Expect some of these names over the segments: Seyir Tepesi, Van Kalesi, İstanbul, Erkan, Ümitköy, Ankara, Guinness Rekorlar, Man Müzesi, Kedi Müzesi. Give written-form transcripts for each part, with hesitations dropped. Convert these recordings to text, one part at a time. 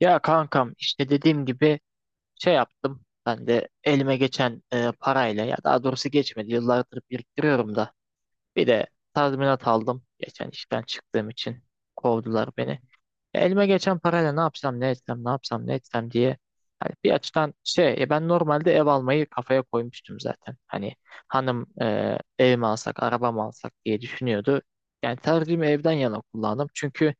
Ya kankam işte dediğim gibi şey yaptım. Ben de elime geçen parayla ya daha doğrusu geçmedi. Yıllardır biriktiriyorum da. Bir de tazminat aldım. Geçen işten çıktığım için kovdular beni. Elime geçen parayla ne yapsam ne etsem ne yapsam ne etsem diye. Hani bir açıdan şey ben normalde ev almayı kafaya koymuştum zaten. Hani hanım ev mi alsak araba mı alsak diye düşünüyordu. Yani tercihimi evden yana kullandım. Çünkü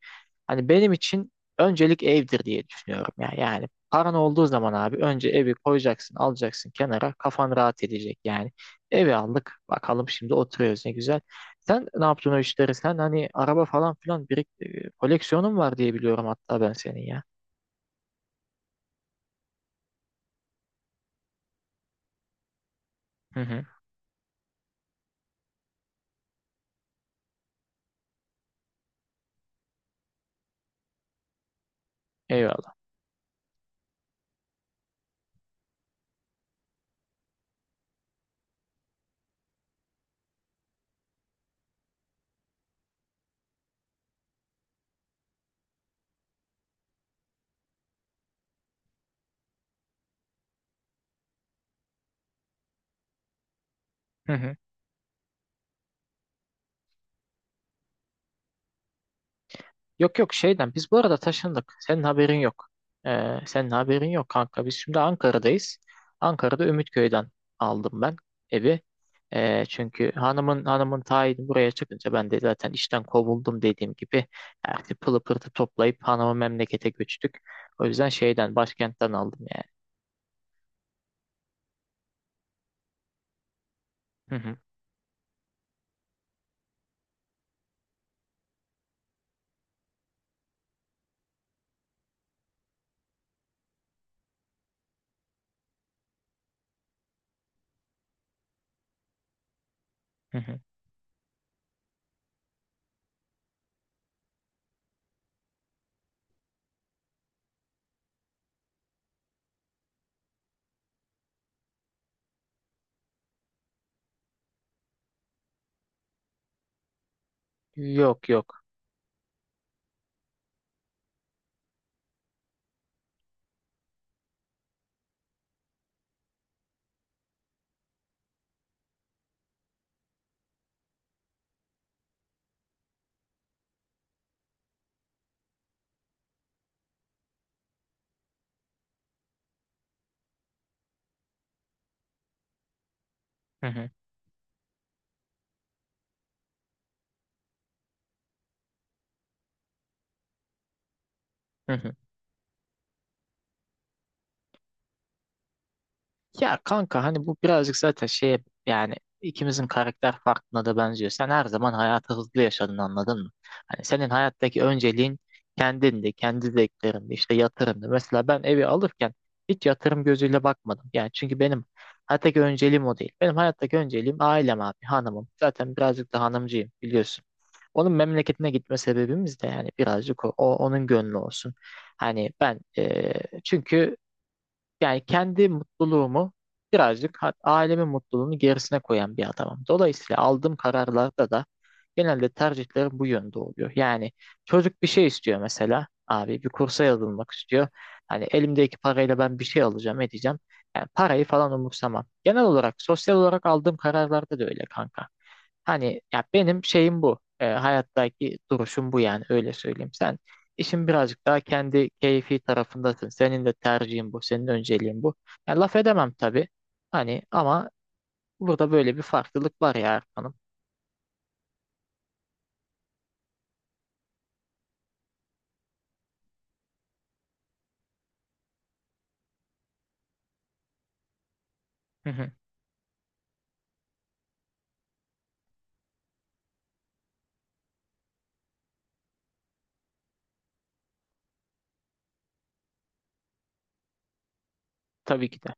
hani benim için öncelik evdir diye düşünüyorum ya. Yani paran olduğu zaman abi önce evi koyacaksın, alacaksın kenara. Kafan rahat edecek yani. Evi aldık. Bakalım şimdi oturuyoruz ne güzel. Sen ne yaptın o işleri? Sen hani araba falan filan koleksiyonun var diye biliyorum hatta ben senin ya. Hı hı. Eyvallah. Hı hı. Yok yok, şeyden biz bu arada taşındık. Senin haberin yok. Senin haberin yok kanka. Biz şimdi Ankara'dayız. Ankara'da Ümitköy'den aldım ben evi. Çünkü hanımın tayini buraya çıkınca ben de zaten işten kovuldum dediğim gibi artık pılı pırtı toplayıp hanımı memlekete göçtük. O yüzden şeyden başkentten aldım yani. Hı hı, hı hı. Yok yok. Hı hı, hı hı. Ya kanka hani bu birazcık zaten şeye yani ikimizin karakter farkına da benziyor. Sen her zaman hayatı hızlı yaşadın anladın mı? Hani senin hayattaki önceliğin kendindi, kendi zevklerindi, işte yatırımdı. Mesela ben evi alırken hiç yatırım gözüyle bakmadım. Yani çünkü benim hayattaki önceliğim o değil. Benim hayattaki önceliğim ailem abi, hanımım. Zaten birazcık da hanımcıyım biliyorsun. Onun memleketine gitme sebebimiz de yani birazcık onun gönlü olsun. Hani ben çünkü yani kendi mutluluğumu birazcık ailemin mutluluğunu gerisine koyan bir adamım. Dolayısıyla aldığım kararlarda da genelde tercihlerim bu yönde oluyor. Yani çocuk bir şey istiyor mesela. Abi bir kursa yazılmak istiyor. Hani elimdeki parayla ben bir şey alacağım, edeceğim. Yani parayı falan umursamam. Genel olarak sosyal olarak aldığım kararlarda da öyle kanka. Hani ya benim şeyim bu. Hayattaki duruşum bu yani öyle söyleyeyim. Sen işin birazcık daha kendi keyfi tarafındasın. Senin de tercihin bu, senin önceliğin bu. Ya laf edemem tabii. Hani ama burada böyle bir farklılık var ya Erkan'ım. Hı hı, tabii ki de.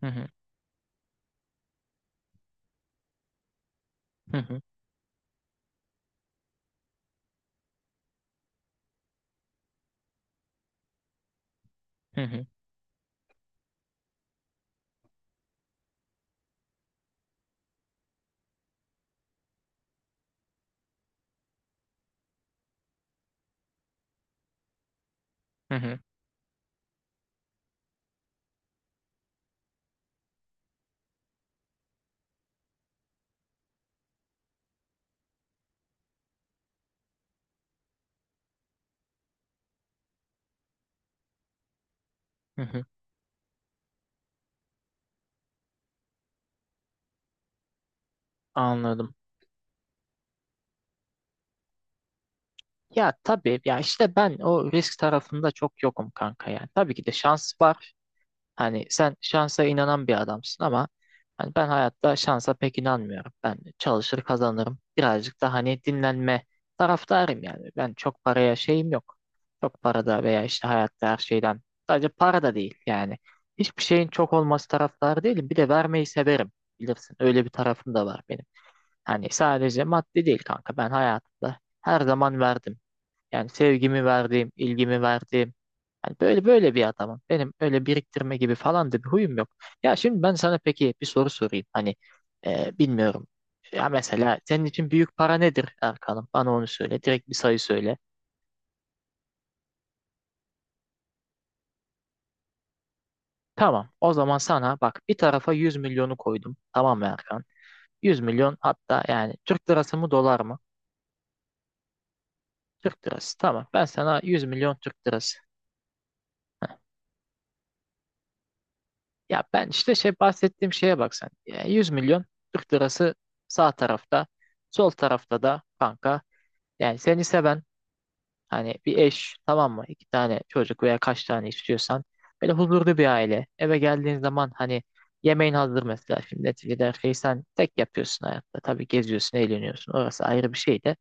Hı hı, hı hı, hı hı, hı hı, hı hı. Anladım. Ya tabii ya işte ben o risk tarafında çok yokum kanka yani. Tabii ki de şans var. Hani sen şansa inanan bir adamsın ama hani ben hayatta şansa pek inanmıyorum. Ben çalışır kazanırım. Birazcık da hani dinlenme taraftarıyım yani. Ben çok paraya şeyim yok. Çok parada veya işte hayatta her şeyden. Sadece para da değil yani. Hiçbir şeyin çok olması taraftarı değilim. Bir de vermeyi severim. Bilirsin öyle bir tarafım da var benim. Hani sadece maddi değil kanka. Ben hayatımda her zaman verdim. Yani sevgimi verdiğim, ilgimi verdiğim. Yani böyle böyle bir adamım. Benim öyle biriktirme gibi falan da bir huyum yok. Ya şimdi ben sana peki bir soru sorayım. Hani bilmiyorum. Ya mesela senin için büyük para nedir Erkan'ım? Bana onu söyle. Direkt bir sayı söyle. Tamam. O zaman sana bak bir tarafa 100 milyonu koydum. Tamam mı Erkan? 100 milyon hatta yani Türk lirası mı dolar mı? Türk lirası. Tamam. Ben sana 100 milyon Türk lirası. Ya ben işte şey bahsettiğim şeye bak sen. Yani 100 milyon Türk lirası sağ tarafta, sol tarafta da kanka. Yani seni seven hani bir eş tamam mı? İki tane çocuk veya kaç tane istiyorsan böyle huzurlu bir aile. Eve geldiğin zaman hani yemeğin hazır mesela şimdi neticede her şeyi sen tek yapıyorsun hayatta. Tabii geziyorsun, eğleniyorsun. Orası ayrı bir şey de.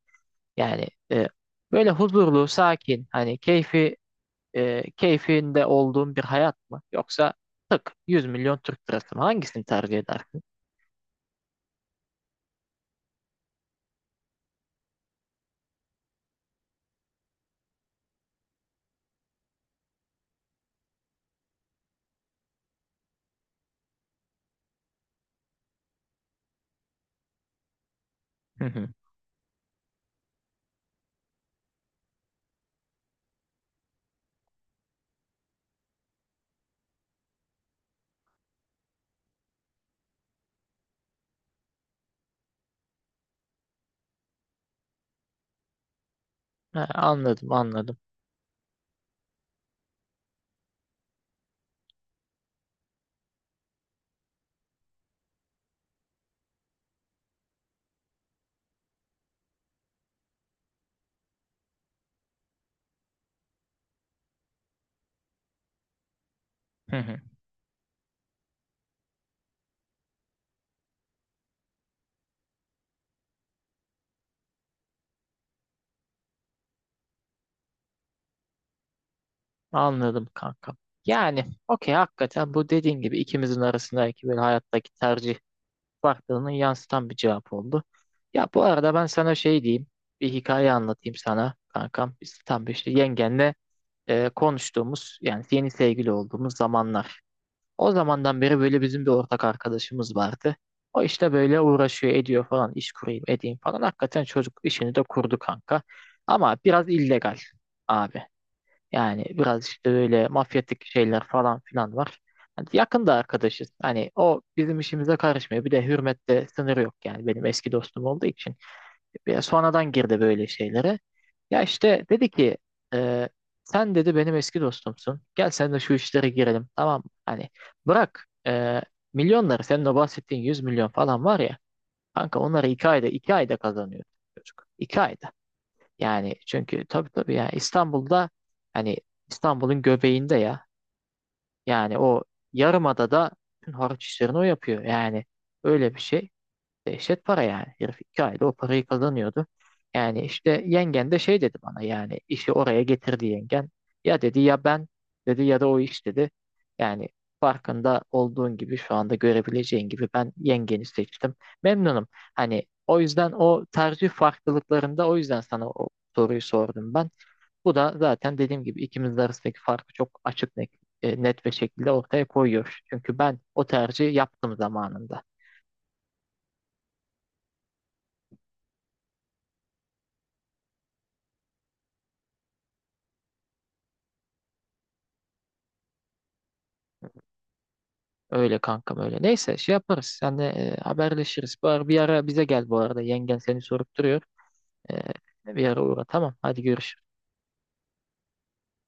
Yani böyle huzurlu, sakin hani keyfi keyfinde olduğun bir hayat mı? Yoksa tık 100 milyon Türk lirası mı? Hangisini tercih edersin? Hı hı. Ha, anladım anladım. Hı hı. Anladım kanka. Yani okey hakikaten bu dediğin gibi ikimizin arasındaki böyle hayattaki tercih farklılığını yansıtan bir cevap oldu. Ya bu arada ben sana şey diyeyim. Bir hikaye anlatayım sana kankam. Biz tam bir işte yengenle konuştuğumuz yani yeni sevgili olduğumuz zamanlar. O zamandan beri böyle bizim bir ortak arkadaşımız vardı. O işte böyle uğraşıyor ediyor falan iş kurayım edeyim falan. Hakikaten çocuk işini de kurdu kanka. Ama biraz illegal abi. Yani biraz işte böyle mafyatik şeyler falan filan var. Hani yakında arkadaşız. Hani o bizim işimize karışmıyor. Bir de hürmette sınır yok yani benim eski dostum olduğu için. Bir sonradan girdi böyle şeylere. Ya işte dedi ki e, sen dedi benim eski dostumsun. Gel sen de şu işlere girelim tamam mı? Hani bırak milyonları senin o bahsettiğin 100 milyon falan var ya. Kanka onları iki ayda iki ayda kazanıyor çocuk. İki ayda. Yani çünkü tabii tabii ya İstanbul'da hani İstanbul'un göbeğinde ya yani o yarımadada bütün harç işlerini o yapıyor. Yani öyle bir şey. Dehşet para yani. Herif iki ayda o parayı kazanıyordu. Yani işte yengen de şey dedi bana yani işi oraya getirdi yengen. Ya dedi ya ben dedi ya da o iş dedi. Yani farkında olduğun gibi şu anda görebileceğin gibi ben yengeni seçtim. Memnunum. Hani o yüzden o tercih farklılıklarında o yüzden sana o soruyu sordum ben. Bu da zaten dediğim gibi ikimiz arasındaki farkı çok açık net bir şekilde ortaya koyuyor. Çünkü ben o tercihi yaptım zamanında. Öyle kankam öyle. Neyse şey yaparız. Senle haberleşiriz. Bari bir ara bize gel bu arada. Yengen seni sorup duruyor. Bir ara uğra. Tamam. Hadi görüşürüz.